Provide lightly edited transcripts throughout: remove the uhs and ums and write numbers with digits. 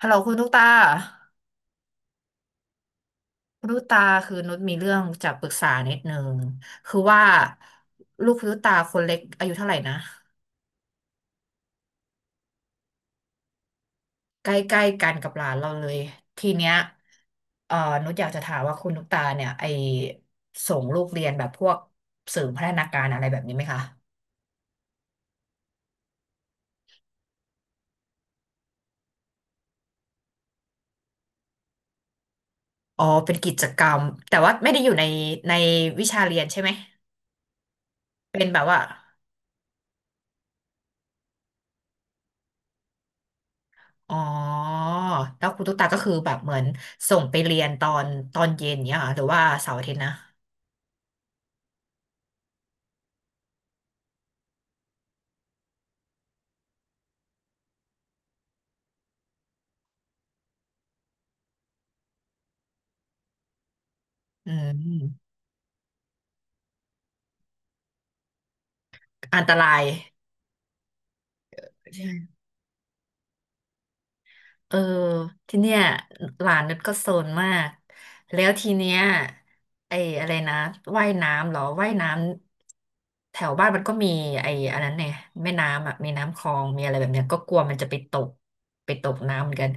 ฮัลโหลคุณตุ๊กตาคุณตุ๊กตาคือนุชมีเรื่องจะปรึกษานิดนึงคือว่าลูกคุณตุ๊กตาคนเล็กอายุเท่าไหร่นะใกล้ๆกันกับหลานเราเลยทีเนี้ยเอ่อนุชอยากจะถามว่าคุณตุ๊กตาเนี่ยไอส่งลูกเรียนแบบพวกสื่อพัฒนาการอะไรแบบนี้ไหมคะอ๋อเป็นกิจกรรมแต่ว่าไม่ได้อยู่ในในวิชาเรียนใช่ไหมเป็นแบบว่าอ๋อแล้วคุณตุ๊กตาก็คือแบบเหมือนส่งไปเรียนตอนเย็นเนี้ยเหรอหรือว่าเสาร์อาทิตย์นะ อืมอันตรายใช่ เออทีเนี้ยหลานนุชก็โซนมากแล้วทีเนี้ยไอ้อะไรนะว่ายน้ำเหรอว่ายน้ำแถวบ้านมันก็มีไอ้อันนั้นเนี่ยแม่น้ำอ่ะมีน้ำคลองมีอะไรแบบเนี้ยก็กลัวมันจะไปตกไปตกน้ำเหมือนกัน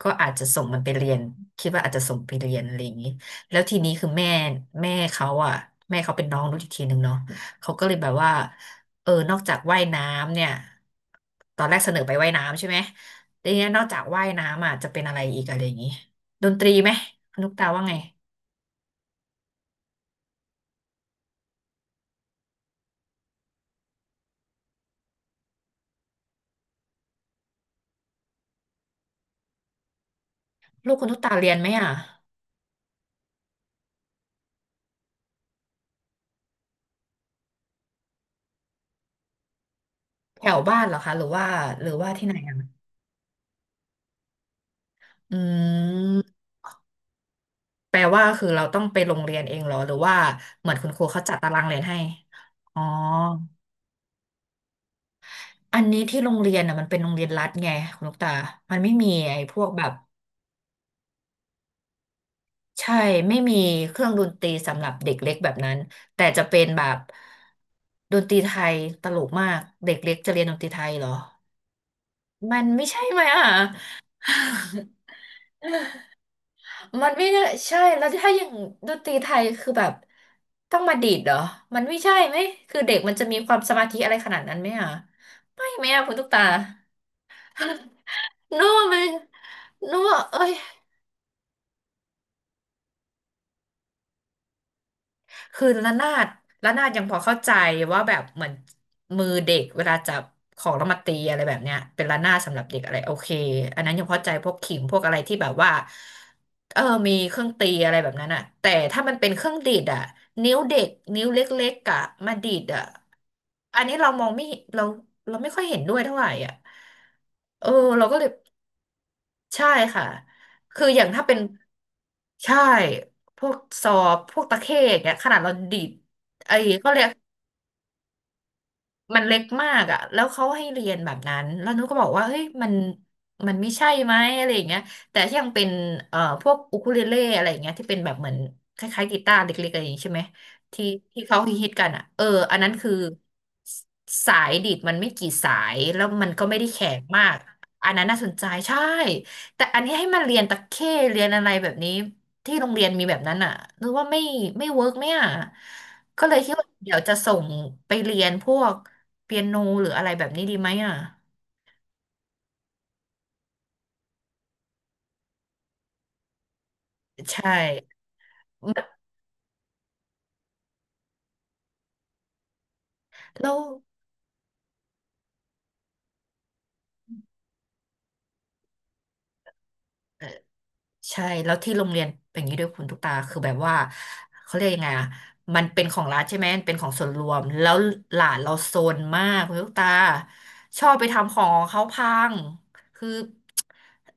ก็อาจจะส่งมันไปเรียนคิดว่าอาจจะส่งไปเรียนอะไรอย่างนี้แล้วทีนี้คือแม่เขาอ่ะแม่เขาเป็นน้องนุชอีกทีหนึ่งเนาะเขาก็เลยแบบว่าเออนอกจากว่ายน้ำเนี่ยตอนแรกเสนอไปว่ายน้ำใช่ไหม แต่เนี้ยนอกจากว่ายน้ำอ่ะจะเป็นอะไรอีกอะไรอย่างงี้ดนตรีไหมคุณตุ๊กตาว่าไงลูกคุณตุ๊กตาเรียนไหมอ่ะแถวบ้านเหรอคะหรือว่าหรือว่าที่ไหนอ่ะอืมแปลว่าคือเราต้องไปโรงเรียนเองเหรอหรือว่าเหมือนคุณครูเขาจัดตารางเรียนให้อ๋ออันนี้ที่โรงเรียนอ่ะมันเป็นโรงเรียนรัฐไงคุณลูกตามันไม่มีไอ้พวกแบบใช่ไม่มีเครื่องดนตรีสำหรับเด็กเล็กแบบนั้นแต่จะเป็นแบบดนตรีไทยตลกมากเด็กเล็กจะเรียนดนตรีไทยเหรอ มันไม่ใช่ไหมอ่ะ มันไม่ได้ใช่ แล้วถ้าอย่างดนตรีไทยคือแบบต้องมาดีดเหรอ มันไม่ใช่ไหม คือเด็กมันจะมีความสมาธิอะไรขนาดนั้นไหมอ่ะ ไม่ไหมอ่ะคุณตุ๊กตา โน้มันโน้เอ้ย คือระนาดระนาดยังพอเข้าใจว่าแบบเหมือนมือเด็กเวลาจับของแล้วมาตีอะไรแบบเนี้ยเป็นระนาดสำหรับเด็กอะไรโอเคอันนั้นยังเข้าใจพวกขิมพวกอะไรที่แบบว่าเออมีเครื่องตีอะไรแบบนั้นอะแต่ถ้ามันเป็นเครื่องดีดอะนิ้วเด็กนิ้วเล็กๆอะมาดีดอะอันนี้เรามองไม่เห็นเราไม่ค่อยเห็นด้วยเท่าไหร่อะเออเราก็เลย ใช่ค่ะ คืออย่างถ้าเป็นใช่พวกซอพวกตะเข้อย่างเงี้ยขนาดเราดีดไอ้ก็เขาเรียก มันเล็กมากอ่ะแล้วเขาให้เรียนแบบนั้นแล้วนุ้ก็บอกว่าเฮ้ยมันมันไม่ใช่ไหมอะไรอย่างเงี้ยแต่ที่ยังเป็นพวกอูคูเลเล่อะไรอย่างเงี้ยที่เป็นแบบเหมือนคล้ายๆกีตาร์เล็กๆอะไรอย่างงี้ใช่ไหมที่ที่เขาฮิตๆกันอ่ะเอออันนั้นคือสสายดีดมันไม่กี่สาย แล้วมันก็ไม่ได้แข็งมากอันนั้นน่าสนใจใช่แต่อันนี้ให้มันเรียนตะเข้เรียนอะไรแบบนี้ที่โรงเรียนมีแบบนั้นอ่ะนึกว่าไม่ไม่เวิร์กไหมอ่ะก็เลยคิดว่าเดี๋ยวจะส่งไปเรียนพวก เปียโนหรืออะไรแบบนี้ดีไหมอ่ะใช่แล้ว ใช่แล้วที่โรงเรียนเป็นอย่างนี้ด้วยคุณตุ๊กตาคือแบบว่าเขาเรียกยังไงอ่ะมันเป็นของรัฐใช่ไหมมันเป็นของส่วนรวมแล้วหลานเราโซนมากคุณตุ๊กตาชอบไปทำของของเขาพังคือ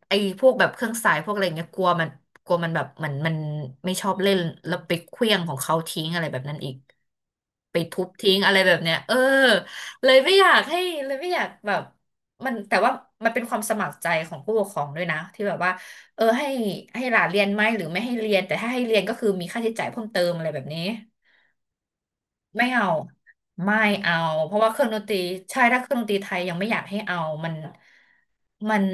ไอ้พวกแบบเครื่องสายพวกอะไรเงี้ยกลัวมันแบบเหมือนมันไม่ชอบเล่นแล้วไปเคลี้ยงของเขาทิ้งอะไรแบบนั้นอีกไปทุบทิ้งอะไรแบบเนี้ยเออเลยไม่อยากให้เลยไม่อยากแบบมันแต่ว่ามันเป็นความสมัครใจของผู้ปกครองด้วยนะที่แบบว่า เออให้ให้หลานเรียนไหมหรือไม่ให้เรียนแต่ถ้าให้เรียนก็คือมีค่าใช้จ่ายเพิ่มเติมอะไรแบบนี้ไม่เอาไม่เอาเพราะว่าเครื่องดนตรีใช่ถ้าเครื่องดนตรีไทยยังไม่อยากให้เอามันมัน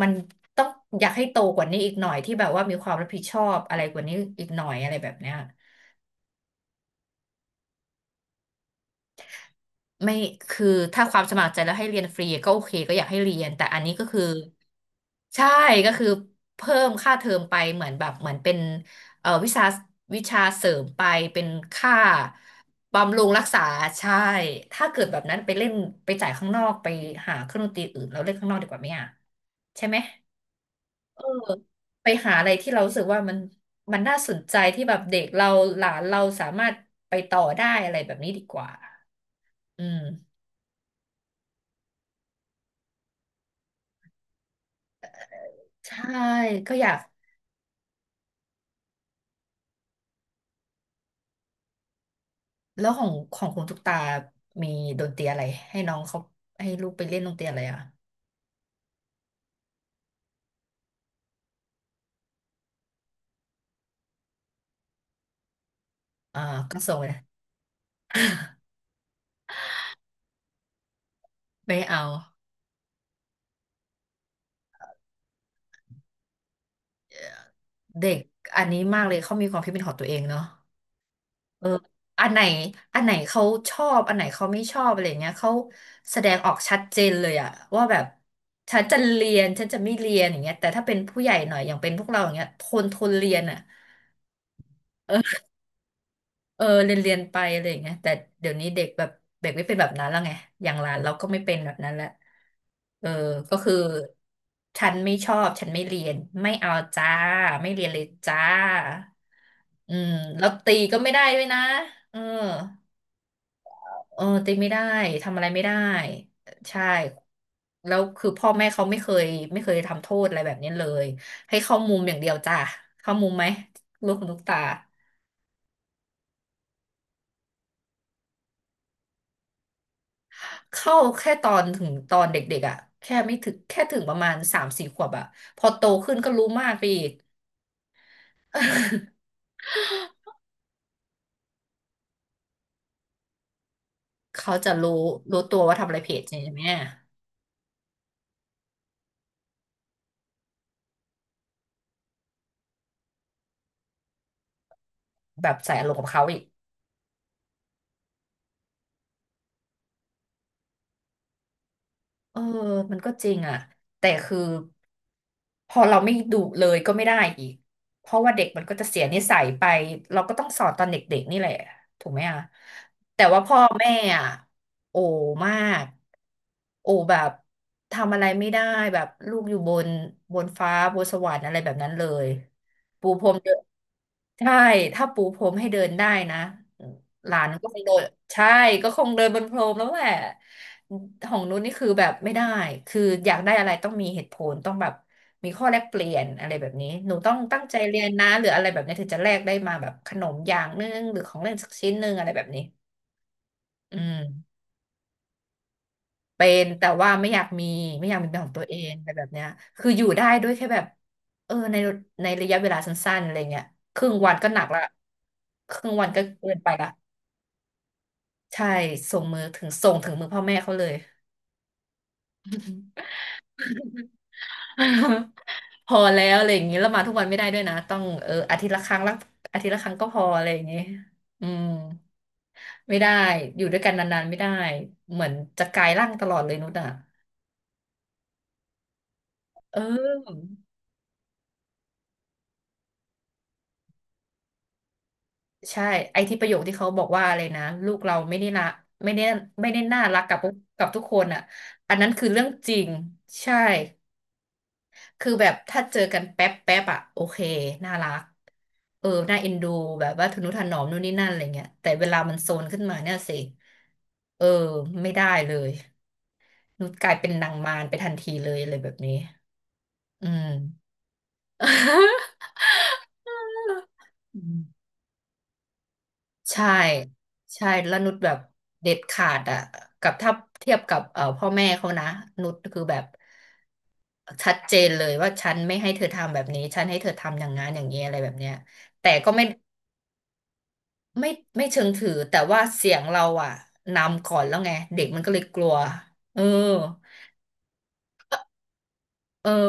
มันต้องอยากให้โตกว่านี้อีกหน่อยที่แบบว่ามีความรับผิดชอบอะไรกว่านี้อีกหน่อยอะไรแบบเนี้ย ไม่คือถ้าความสมัครใจแล้วให้เรียนฟรีก็โอเคก็อยากให้เรียนแต่อันนี้ก็คือใช่ก็คือเพิ่มค่าเทอมไปเหมือนแบบเหมือนเป็นวิชาวิชาเสริมไปเป็นค่าบำรุงรักษาใช่ถ้าเกิดแบบนั้นไปเล่นไปจ่ายข้างนอกไปหาเครื่องดนตรีอื่นแล้วเล่นข้างนอกดีกว่าไหมอ่ะใช่ไหมเออไปหาอะไรที่เรารู้สึกว่ามันน่าสนใจที่แบบเด็กเราหลานเราสามารถไปต่อได้อะไรแบบนี้ดีกว่าอืม ใช่ก็อยากแล้วของคุณตุ๊กตามีดนตรีอะไรให้น้องเขาให้ลูกไปเล่นดนตรีอะไรอ่ะอ่าก็ส่งเลยไม่เอาเด็กอันนี้มากเลยเขามีความคิดเป็นของตัวเองเนาะเอออันไหนอันไหนเขาชอบอันไหนเขาไม่ชอบอะไรเงี้ยเขาแสดงออกชัดเจนเลยอะว่าแบบฉันจะเรียนฉันจะไม่เรียนอย่างเงี้ยแต่ถ้าเป็นผู้ใหญ่หน่อยอย่างเป็นพวกเราอย่างเงี้ยทนเรียนอะ เออเรียนไปอะไรอย่างเงี้ยแต่เดี๋ยวนี้เด็กแบบเด็กไม่เป็นแบบนั้นแล้วไงอย่างหลานเราก็ไม่เป็นแบบนั้นแล้วเออก็คือฉันไม่ชอบฉันไม่เรียนไม่เอาจ้าไม่เรียนเลยจ้าอืมแล้วตีก็ไม่ได้ด้วยนะเออเออตีไม่ได้ทำอะไรไม่ได้ใช่แล้วคือพ่อแม่เขาไม่เคยทำโทษอะไรแบบนี้เลยให้เข้ามุมอย่างเดียวจ้าเข้ามุมไหมลูกคุณลูกตา เข้าแค่ตอนถึงตอนเด็กๆอ่ะแค่ไม่ถึงแค่ถึงประมาณสามสี่ขวบอ่ะพอโตขึ้นก็รู้มากไปอีก เขาจะรู้รู้ตัวว่าทำอะไรผิดใช่ไหมแบบใส่อารมณ์กับเขาอีก เออมันก็จริงอ่ะแต่คือพอเราไม่ดุเลยก็ไม่ได้อีก เพราะว่าเด็กมันก็จะเสียนิสัยไป เราก็ต้องสอนตอนเด็กๆนี่แหละ ถูกไหมอ่ะแต่ว่าพ่อแม่อ่ะโอมากโอแบบทำอะไรไม่ได้แบบลูกอยู่บนบนฟ้าบนสวรรค์อะไรแบบนั้นเลยปูพรมเดินใช่ถ้าปูพรมให้เดินได้นะ หลานก็คงโดนใช่ก็คงเดินบนพรมแล้วแหละของนุ้นนี่คือแบบไม่ได้คืออยากได้อะไรต้องมีเหตุผลต้องแบบมีข้อแลกเปลี่ยนอะไรแบบนี้หนูต้องตั้งใจเรียนนะหรืออะไรแบบนี้ถึงจะแลกได้มาแบบขนมอย่างนึงหรือของเล่นสักชิ้นนึงอะไรแบบนี้อืมเป็นแต่ว่าไม่อยากมีไม่อยากมีเป็นของตัวเองอะไรแบบเนี้ยคืออยู่ได้ด้วยแค่แบบเออในในระยะเวลาสั้นๆอะไรเงี้ยครึ่งวันก็หนักละครึ่งวันก็เกินไปละ ใช่ส่งมือถึงส่งถึงมือพ่อแม่เขาเลย พอแล้วอะไรอย่างนี้แล้วมาทุกวันไม่ได้ด้วยนะต้องเอออาทิตย์ละครั้งละอาทิตย์ละครั้งก็พออะไรอย่างนี้อืมไม่ได้อยู่ด้วยกันนานๆไม่ได้เหมือนจะกลายร่างตลอดเลยนุชอ่ะเออใช่ไอที่ประโยคที่เขาบอกว่าอะไรนะลูกเราไม่ได้นะไม่ได้ไม่ได้น่ารักกับทุกคนอ่ะอันนั้นคือเรื่องจริงใช่ คือแบบถ้าเจอกันแป๊บแป๊บอะโอเคน่ารักเออน่าเอ็นดูแบบว่าทนุถนอมนู่นนี่นั่นอะไรเงี้ยแต่เวลามันโซนขึ้นมาเนี่ยสิเออไม่ได้เลยนุชกลายเป็นนางมารไปทันทีเลยอะไรแบบนี้อืม อืมใช่ใช่แล้วนุชแบบเด็ดขาดอะกับถ้าเทียบกับพ่อแม่เขานะนุชคือแบบชัดเจนเลยว่าฉันไม่ให้เธอทำแบบนี้ฉันให้เธอทำอย่างนั้นอย่างนี้อะไรแบบเนี้ยแต่ก็ไม่ ไม่ไม่เชิงถือแต่ว่าเสียงเราอ่ะนำก่อนแล้วไงเด็กมันก็เลยกลัวเออเออ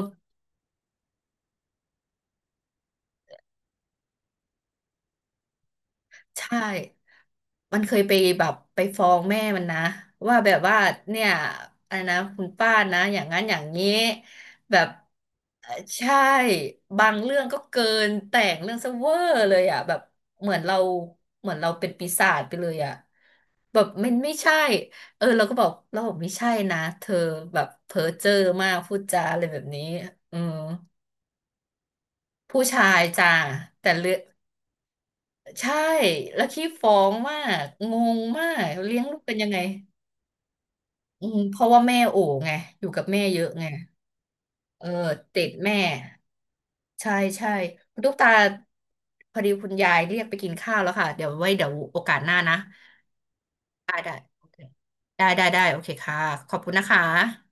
ใช่มันเคยไปแบบไปฟ้องแม่มันนะว่าแบบว่าเนี่ยอะไรนะคุณป้านะอย่างนั้นอย่างนี้แบบเอ่อใช่บางเรื่องก็เกินแต่งเรื่องซะเวอร์เลยอ่ะแบบเหมือนเราเหมือนเราเป็นปีศาจไปเลยอ่ะแบบมันไม่ใช่เออเราก็บอกเราบอกไม่ใช่นะเธอแบบเพ้อเจ้อมากพูดจาอะไรแบบนี้อืมผู้ชายจ้าแต่เรื่อง ใช่ แล้วขี้ฟ้องมาก งงมาก เลี้ยงลูกเป็นยังไงอืมเพราะว่าแม่โอ๋ไง อยู่กับแม่เยอะไง เออติดแม่ ใช่ใช่คุณตุ๊กตา พอดีคุณยายเรียกไปกินข้าวแล้วค่ะ เดี๋ยวไว้เดี๋ยวโอกาสหน้านะ ได้ ได้โอเคได้ได้ได้ โอเคค่ะ ขอบคุณนะคะ